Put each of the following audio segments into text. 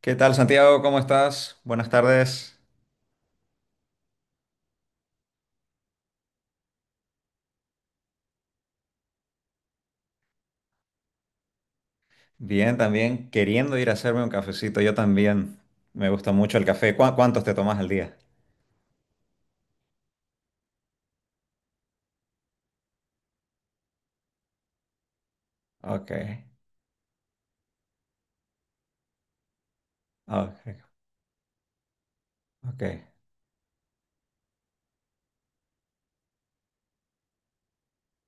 ¿Qué tal, Santiago? ¿Cómo estás? Buenas tardes. Bien, también queriendo ir a hacerme un cafecito. Yo también. Me gusta mucho el café. ¿Cuántos te tomas al día? Ok, ok, ok.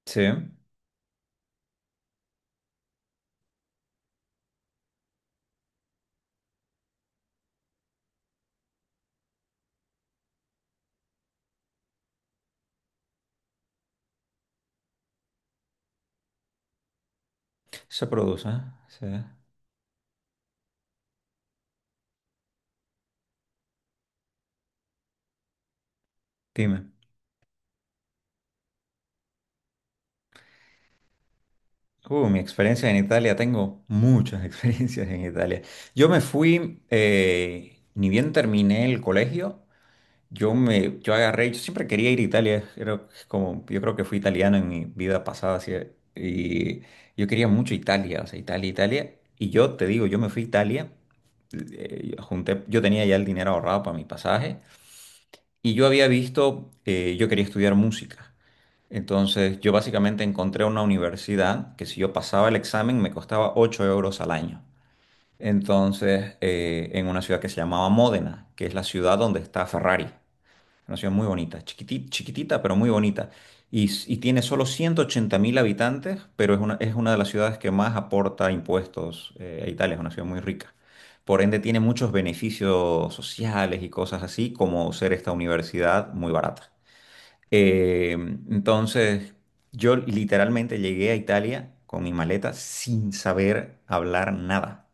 Sí, se produce. ¿Eh? Sí. Dime. Mi experiencia en Italia. Tengo muchas experiencias en Italia. Yo me fui, ni bien terminé el colegio. Yo me, yo agarré, yo siempre quería ir a Italia, era como, yo creo que fui italiano en mi vida pasada, así, y yo quería mucho Italia, o sea, Italia, Italia, y yo te digo, yo me fui a Italia, yo tenía ya el dinero ahorrado para mi pasaje, yo quería estudiar música, entonces yo básicamente encontré una universidad que si yo pasaba el examen me costaba 8 euros al año, entonces, en una ciudad que se llamaba Módena, que es la ciudad donde está Ferrari. Una ciudad muy bonita, chiquitita, pero muy bonita. Y tiene solo 180 mil habitantes, pero es una de las ciudades que más aporta impuestos a Italia. Es una ciudad muy rica. Por ende, tiene muchos beneficios sociales y cosas así, como ser esta universidad muy barata. Eh, entonces, yo literalmente llegué a Italia con mi maleta sin saber hablar nada,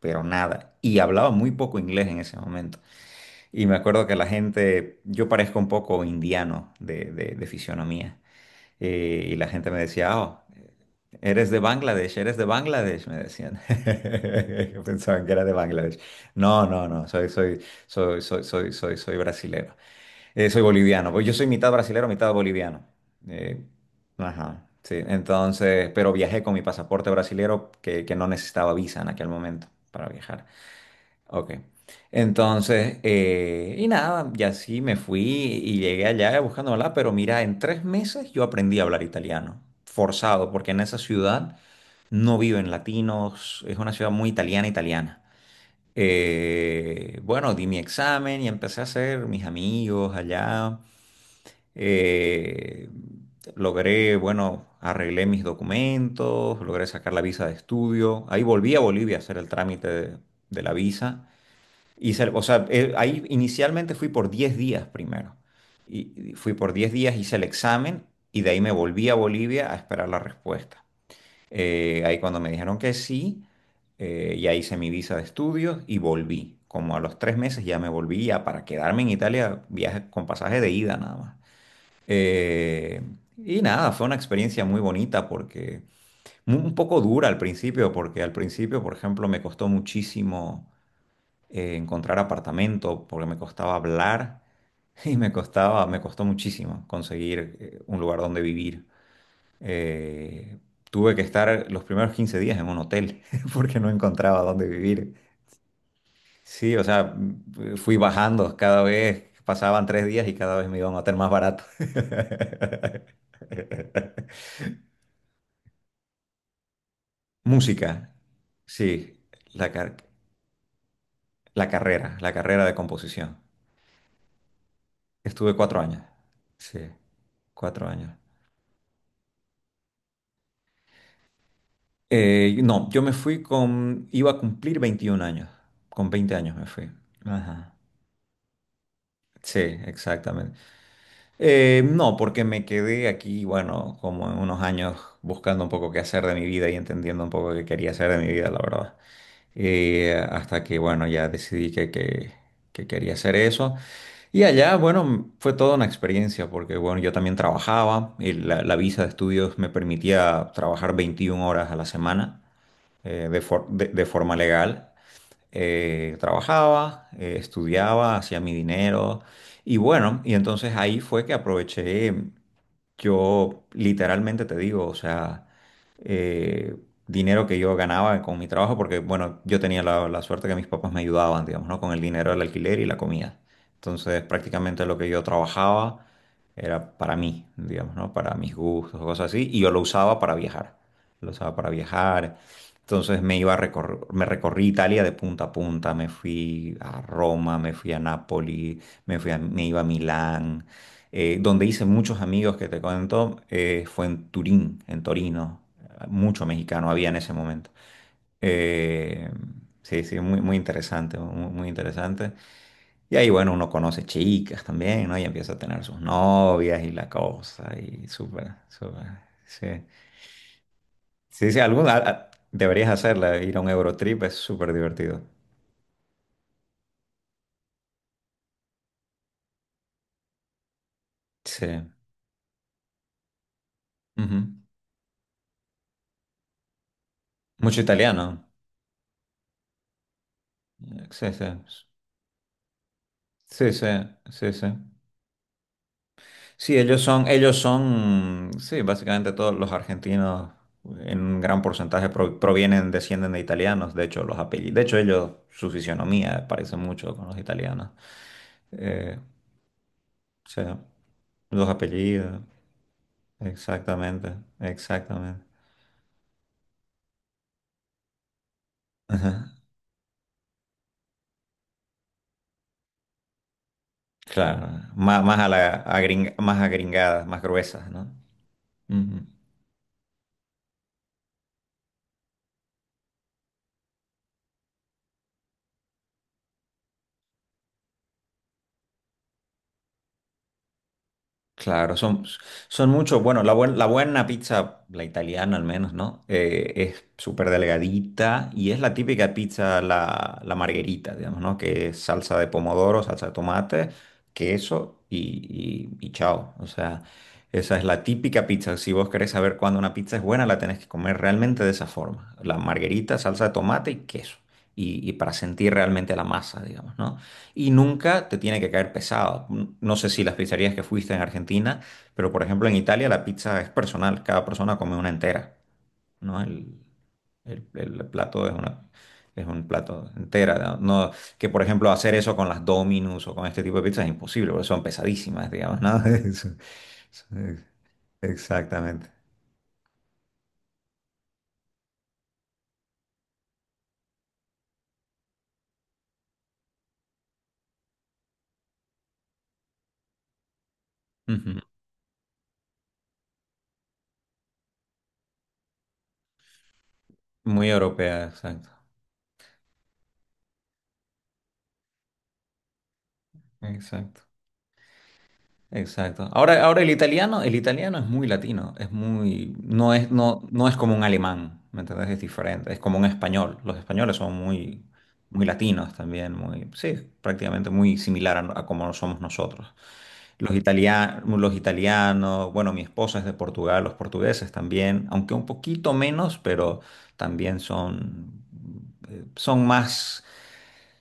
pero nada. Y hablaba muy poco inglés en ese momento. Y me acuerdo que la gente, yo parezco un poco indiano de fisionomía, y la gente me decía: oh, eres de Bangladesh, me decían. Yo pensaban que era de Bangladesh. No, no, no, soy brasilero. Soy boliviano, pues yo soy mitad brasilero, mitad boliviano. Eh, ajá, sí, entonces, pero viajé con mi pasaporte brasilero que no necesitaba visa en aquel momento para viajar. Ok. Entonces, y nada, y así me fui y llegué allá buscando hablar. Pero mira, en 3 meses yo aprendí a hablar italiano, forzado, porque en esa ciudad no viven latinos, es una ciudad muy italiana, italiana. Bueno, di mi examen y empecé a hacer mis amigos allá. eh, arreglé mis documentos, logré sacar la visa de estudio. Ahí volví a Bolivia a hacer el trámite de la visa. O sea, ahí inicialmente fui por 10 días primero. Y fui por 10 días, hice el examen y de ahí me volví a Bolivia a esperar la respuesta. Ahí cuando me dijeron que sí, ya hice mi visa de estudios y volví. Como a los 3 meses ya me volví ya para quedarme en Italia, viaje con pasaje de ida nada más. Eh, y nada, fue una experiencia muy bonita porque un poco dura al principio, porque al principio, por ejemplo, me costó muchísimo encontrar apartamento porque me costaba hablar y me costó muchísimo conseguir un lugar donde vivir. Eh, tuve que estar los primeros 15 días en un hotel porque no encontraba dónde vivir. Sí, o sea, fui bajando cada vez, pasaban 3 días y cada vez me iba a un hotel más barato. Música, sí, la, car- la carrera de composición. Estuve 4 años, sí, 4 años. No, yo me fui iba a cumplir 21 años, con 20 años me fui. Ajá. Sí, exactamente. No, porque me quedé aquí, bueno, como en unos años buscando un poco qué hacer de mi vida y entendiendo un poco qué quería hacer de mi vida, la verdad. Hasta que, bueno, ya decidí que quería hacer eso. Y allá, bueno, fue toda una experiencia, porque, bueno, yo también trabajaba, y la visa de estudios me permitía trabajar 21 horas a la semana de forma legal. Trabajaba, estudiaba, hacía mi dinero y bueno, y entonces ahí fue que aproveché, yo literalmente te digo, o sea, eh, dinero que yo ganaba con mi trabajo, porque bueno, yo tenía la suerte que mis papás me ayudaban, digamos, ¿no? Con el dinero del alquiler y la comida. Entonces prácticamente lo que yo trabajaba era para mí, digamos, ¿no? Para mis gustos, cosas así, y yo lo usaba para viajar. Lo usaba para viajar, entonces me recorrí Italia de punta a punta, me fui a Roma, me fui a Nápoli, me iba a Milán. Donde hice muchos amigos que te cuento, fue en Turín, en Torino. Mucho mexicano había en ese momento. Eh, sí, sí, muy, muy interesante, muy, muy interesante. Y ahí, bueno, uno conoce chicas también, ¿no? Y empieza a tener sus novias y la cosa, y súper, súper, sí. Sí, sí, deberías hacerla, ir a un Eurotrip es súper divertido. Sí. Ujú. Mucho italiano. Sí, sí. Sí, sí, sí, sí. Sí, ellos son, sí, básicamente todos los argentinos en un gran porcentaje provienen, descienden de italianos. De hecho, los apellidos, de hecho, ellos, su fisionomía parece mucho con los italianos. Eh, o sea, los apellidos, exactamente, exactamente. Claro, más agringadas, más gruesas, no. Ujú. Claro, son muchos. Bueno, la buena pizza, la italiana al menos, ¿no? Es súper delgadita y es la típica pizza, la margherita, digamos, ¿no? Que es salsa de pomodoro, salsa de tomate, queso y chao. O sea, esa es la típica pizza. Si vos querés saber cuándo una pizza es buena, la tenés que comer realmente de esa forma. La margherita, salsa de tomate y queso. Y para sentir realmente la masa, digamos, ¿no? Y nunca te tiene que caer pesado. No sé si las pizzerías que fuiste en Argentina, pero por ejemplo en Italia la pizza es personal, cada persona come una entera, ¿no? El, el plato es un plato entera, ¿no? No- que por ejemplo hacer eso con las Dominus o con este tipo de pizzas es imposible, porque son pesadísimas, digamos, ¿no? Eso es- Exactamente. Ujú. Muy europea, exacto. Exacto. Exacto. Ahora, ahora el italiano es muy latino, es muy, no es, no, no es como un alemán, ¿me entendés? Es diferente, es como un español. Los españoles son muy, muy latinos también, muy, sí, prácticamente muy similar a como somos nosotros. Los italianos, bueno, mi esposa es de Portugal, los portugueses también, aunque un poquito menos, pero también son más,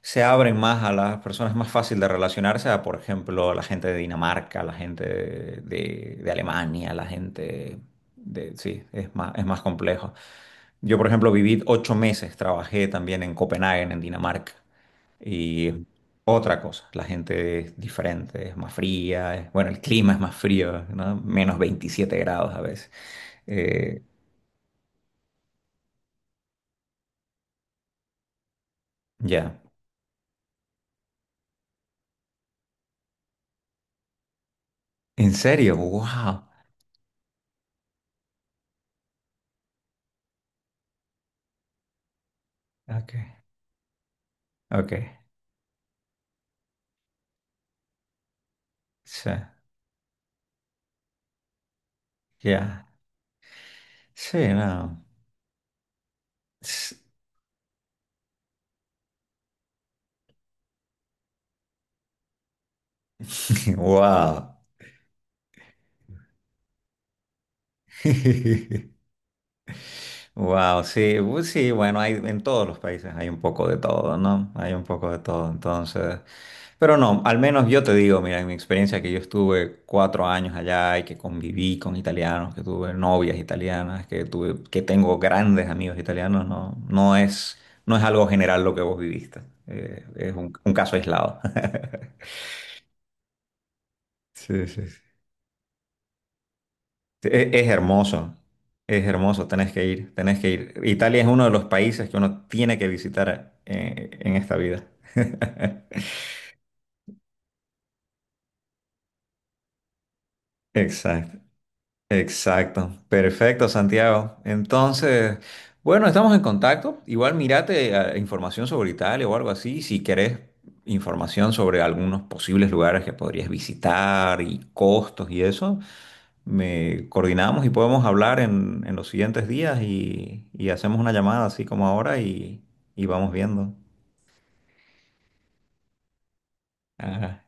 se abren más a las personas, es más fácil de relacionarse a, por ejemplo, la gente de Dinamarca, la gente de Alemania, la gente de, sí, es más complejo. Yo, por ejemplo, viví 8 meses, trabajé también en Copenhague, en Dinamarca, y otra cosa, la gente es diferente, es más fría, bueno, el clima es más frío, ¿no? -27 grados a veces. Eh, ya, ¿En serio? ¡Wow! Ok, ok, sí, ya. Sí, no. ¡Wow! Wow, sí, sí, bueno, hay en todos los países hay un poco de todo, ¿no? Hay un poco de todo, entonces. Pero no, al menos yo te digo, mira, en mi experiencia que yo estuve 4 años allá y que conviví con italianos, que tuve novias italianas, que tuve, que tengo grandes amigos italianos, no, no es algo general lo que vos viviste. Es un caso aislado. Sí, sí, sí. Sí, es hermoso, tenés que ir, tenés que ir. Italia es uno de los países que uno tiene que visitar en esta vida. Exacto, exacto. Perfecto, Santiago. Entonces, bueno, estamos en contacto. Igual mirate información sobre Italia o algo así, si querés información sobre algunos posibles lugares que podrías visitar y costos y eso. Me coordinamos y podemos hablar en los siguientes días y hacemos una llamada así como ahora y vamos viendo. Ajá.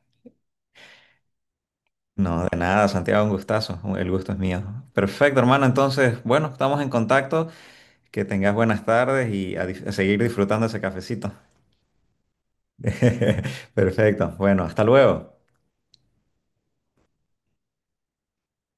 No, de nada, Santiago, un gustazo. El gusto es mío. Perfecto, hermano. Entonces, bueno, estamos en contacto. Que tengas buenas tardes y a seguir disfrutando ese cafecito. Perfecto. Bueno, hasta luego.